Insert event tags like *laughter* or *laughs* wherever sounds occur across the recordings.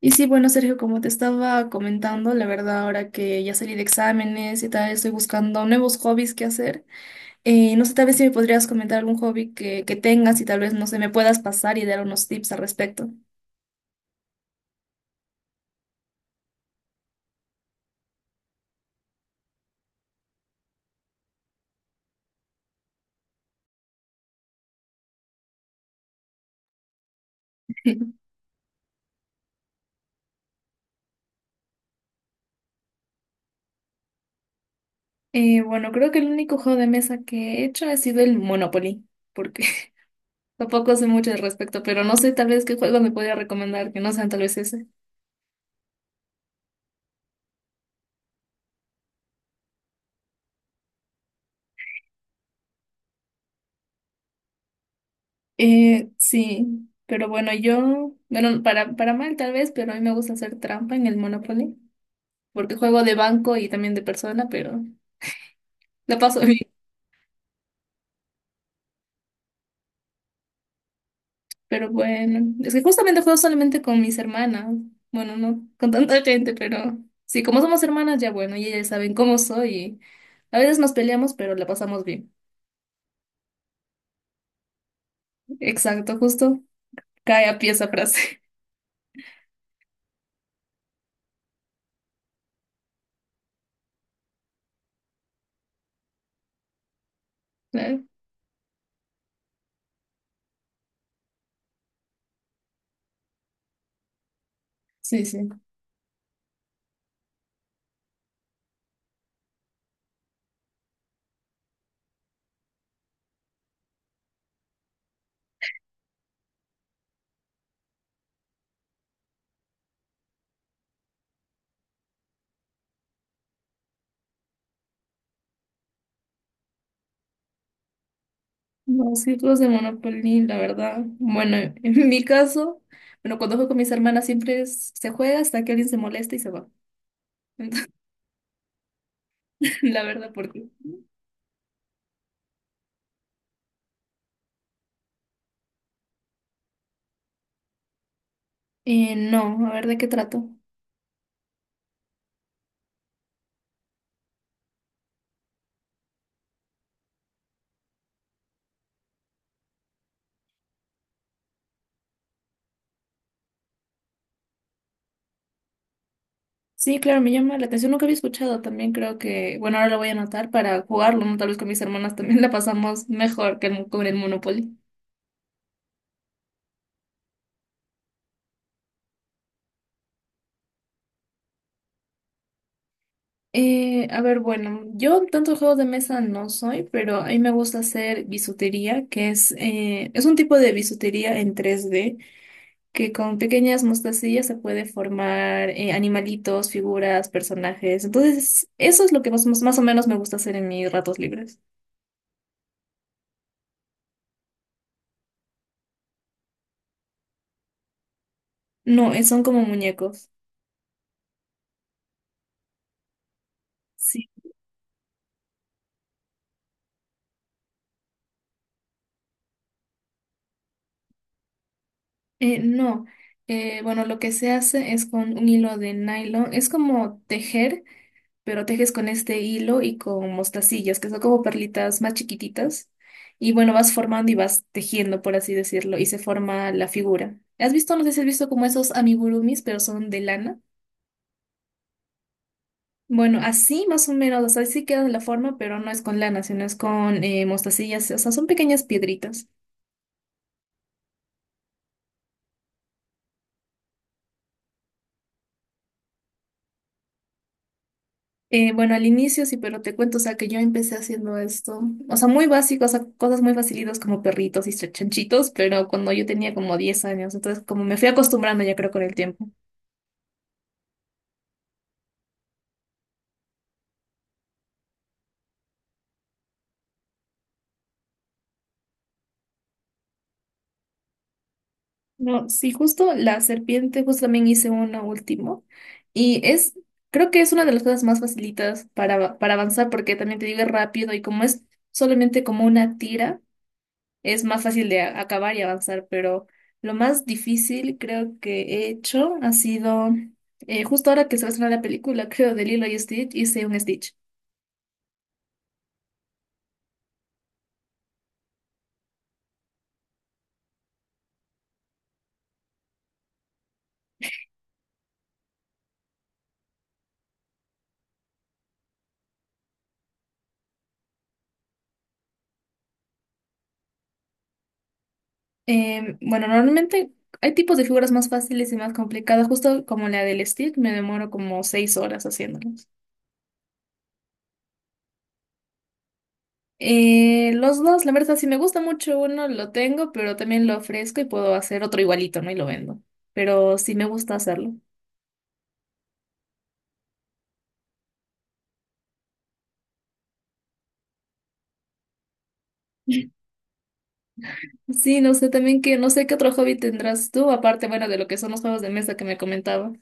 Y sí, bueno, Sergio, como te estaba comentando, la verdad, ahora que ya salí de exámenes y tal, estoy buscando nuevos hobbies que hacer. No sé, tal vez si me podrías comentar algún hobby que tengas y tal vez, no sé, me puedas pasar y dar unos tips al respecto. *laughs* Bueno, creo que el único juego de mesa que he hecho ha sido el Monopoly, porque *laughs* tampoco sé mucho al respecto, pero no sé tal vez qué juego me podría recomendar, que no sean tal vez ese. Sí, pero bueno, yo, bueno, para mal tal vez, pero a mí me gusta hacer trampa en el Monopoly, porque juego de banco y también de persona, pero la paso *laughs* bien. Pero bueno, es que justamente juego solamente con mis hermanas. Bueno, no con tanta *laughs* gente, pero sí, como somos hermanas, ya bueno, y ellas saben cómo soy. Y a veces nos peleamos, pero la pasamos bien. Exacto, justo cae a pie esa frase. *laughs* Claro. Sí, sí. No, sí, juegos de Monopoly, la verdad. Bueno, en mi caso, bueno, cuando juego con mis hermanas siempre se juega hasta que alguien se molesta y se va. *laughs* La verdad, porque. No, a ver de qué trato. Sí, claro, me llama la atención. Nunca había escuchado también, creo que, bueno, ahora lo voy a anotar para jugarlo, ¿no? Tal vez con mis hermanas también *laughs* la pasamos mejor que con el Monopoly. A ver, bueno, yo tanto juegos de mesa no soy, pero a mí me gusta hacer bisutería, que es un tipo de bisutería en 3D, que con pequeñas mostacillas se puede formar animalitos, figuras, personajes. Entonces, eso es lo que más, más o menos me gusta hacer en mis ratos libres. No, son como muñecos. Sí. No, bueno, lo que se hace es con un hilo de nylon, es como tejer, pero tejes con este hilo y con mostacillas, que son como perlitas más chiquititas, y bueno, vas formando y vas tejiendo, por así decirlo, y se forma la figura. ¿Has visto? No sé si has visto como esos amigurumis, pero son de lana. Bueno, así más o menos, o sea, sí queda la forma, pero no es con lana, sino es con mostacillas, o sea, son pequeñas piedritas. Bueno, al inicio sí, pero te cuento, o sea, que yo empecé haciendo esto, o sea, muy básico, o sea, cosas muy facilitas como perritos y chanchitos, pero cuando yo tenía como 10 años, entonces como me fui acostumbrando ya creo con el tiempo. No, sí, justo la serpiente, justo también hice uno último, y es, creo que es una de las cosas más facilitas para avanzar, porque también te digo es rápido, y como es solamente como una tira, es más fácil de acabar y avanzar, pero lo más difícil creo que he hecho ha sido, justo ahora que se va a estrenar la película, creo, de Lilo y Stitch, hice un Stitch. Bueno, normalmente hay tipos de figuras más fáciles y más complicadas, justo como la del Stitch, me demoro como 6 horas haciéndolos. Los dos, la verdad, si me gusta mucho uno, lo tengo, pero también lo ofrezco y puedo hacer otro igualito, ¿no? Y lo vendo. Pero sí me gusta hacerlo. Sí, no sé también que, no sé qué otro hobby tendrás tú, aparte, bueno, de lo que son los juegos de mesa que me comentaba.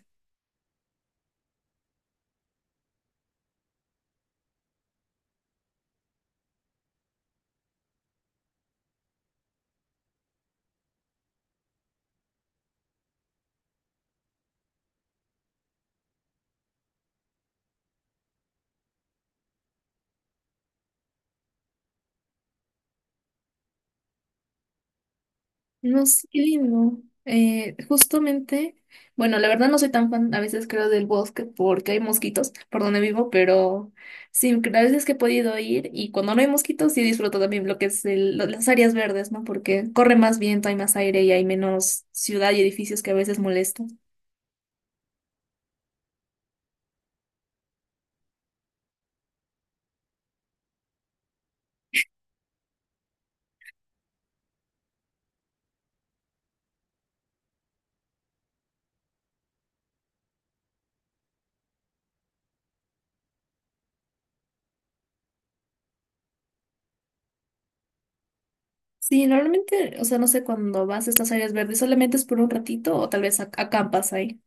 No sé, qué lindo. Justamente, bueno, la verdad no soy tan fan, a veces creo, del bosque porque hay mosquitos por donde vivo, pero sí, a veces que he podido ir y cuando no hay mosquitos sí disfruto también lo que es las áreas verdes, ¿no? Porque corre más viento, hay más aire y hay menos ciudad y edificios que a veces molestan. Sí, normalmente, o sea, no sé, cuando vas a estas áreas verdes, solamente es por un ratito o tal vez acampas ahí.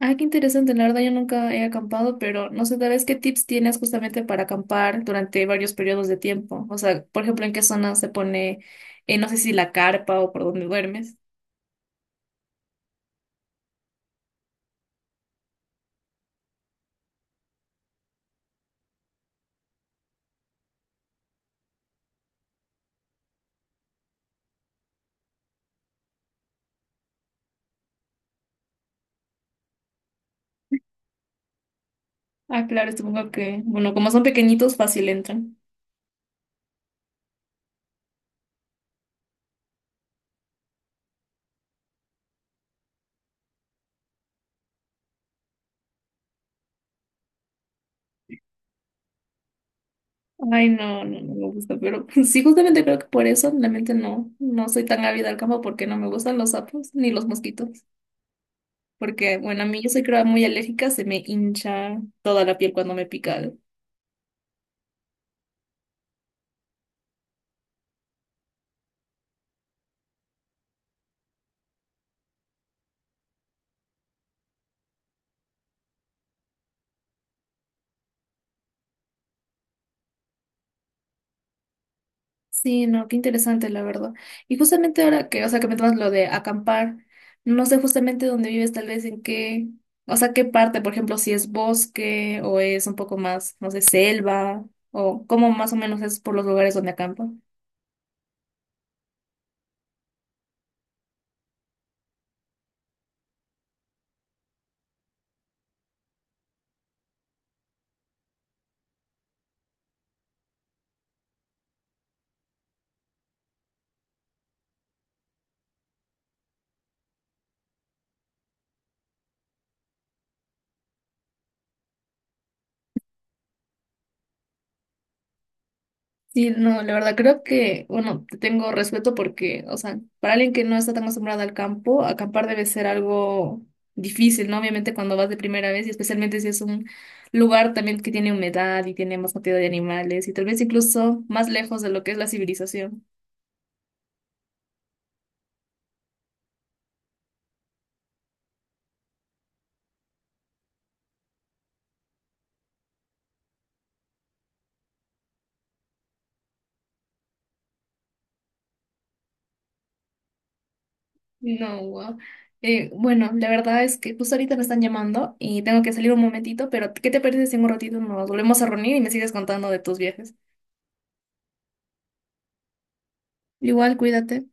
Ah, qué interesante, la verdad yo nunca he acampado, pero no sé, tal vez qué tips tienes justamente para acampar durante varios periodos de tiempo. O sea, por ejemplo, en qué zona se pone, no sé si la carpa o por dónde duermes. Ah, claro, supongo que, bueno, como son pequeñitos, fácil entran. Ay, no, no, no me gusta, pero *laughs* sí, justamente creo que por eso realmente no, no soy tan ávida al campo porque no me gustan los sapos ni los mosquitos. Porque, bueno, a mí yo soy creo muy alérgica, se me hincha toda la piel cuando me pica. Sí, no, qué interesante, la verdad. Y justamente ahora que, o sea, que me tomas lo de acampar, no sé justamente dónde vives, tal vez en qué, o sea, qué parte, por ejemplo, si es bosque o es un poco más, no sé, selva, o cómo más o menos es por los lugares donde acampa. Sí, no, la verdad creo que, bueno, te tengo respeto porque, o sea, para alguien que no está tan acostumbrada al campo, acampar debe ser algo difícil, ¿no? Obviamente cuando vas de primera vez y especialmente si es un lugar también que tiene humedad y tiene más cantidad de animales y tal vez incluso más lejos de lo que es la civilización. No, wow. Bueno, la verdad es que justo ahorita me están llamando y tengo que salir un momentito, pero ¿qué te parece si en un ratito nos volvemos a reunir y me sigues contando de tus viajes? Igual, cuídate.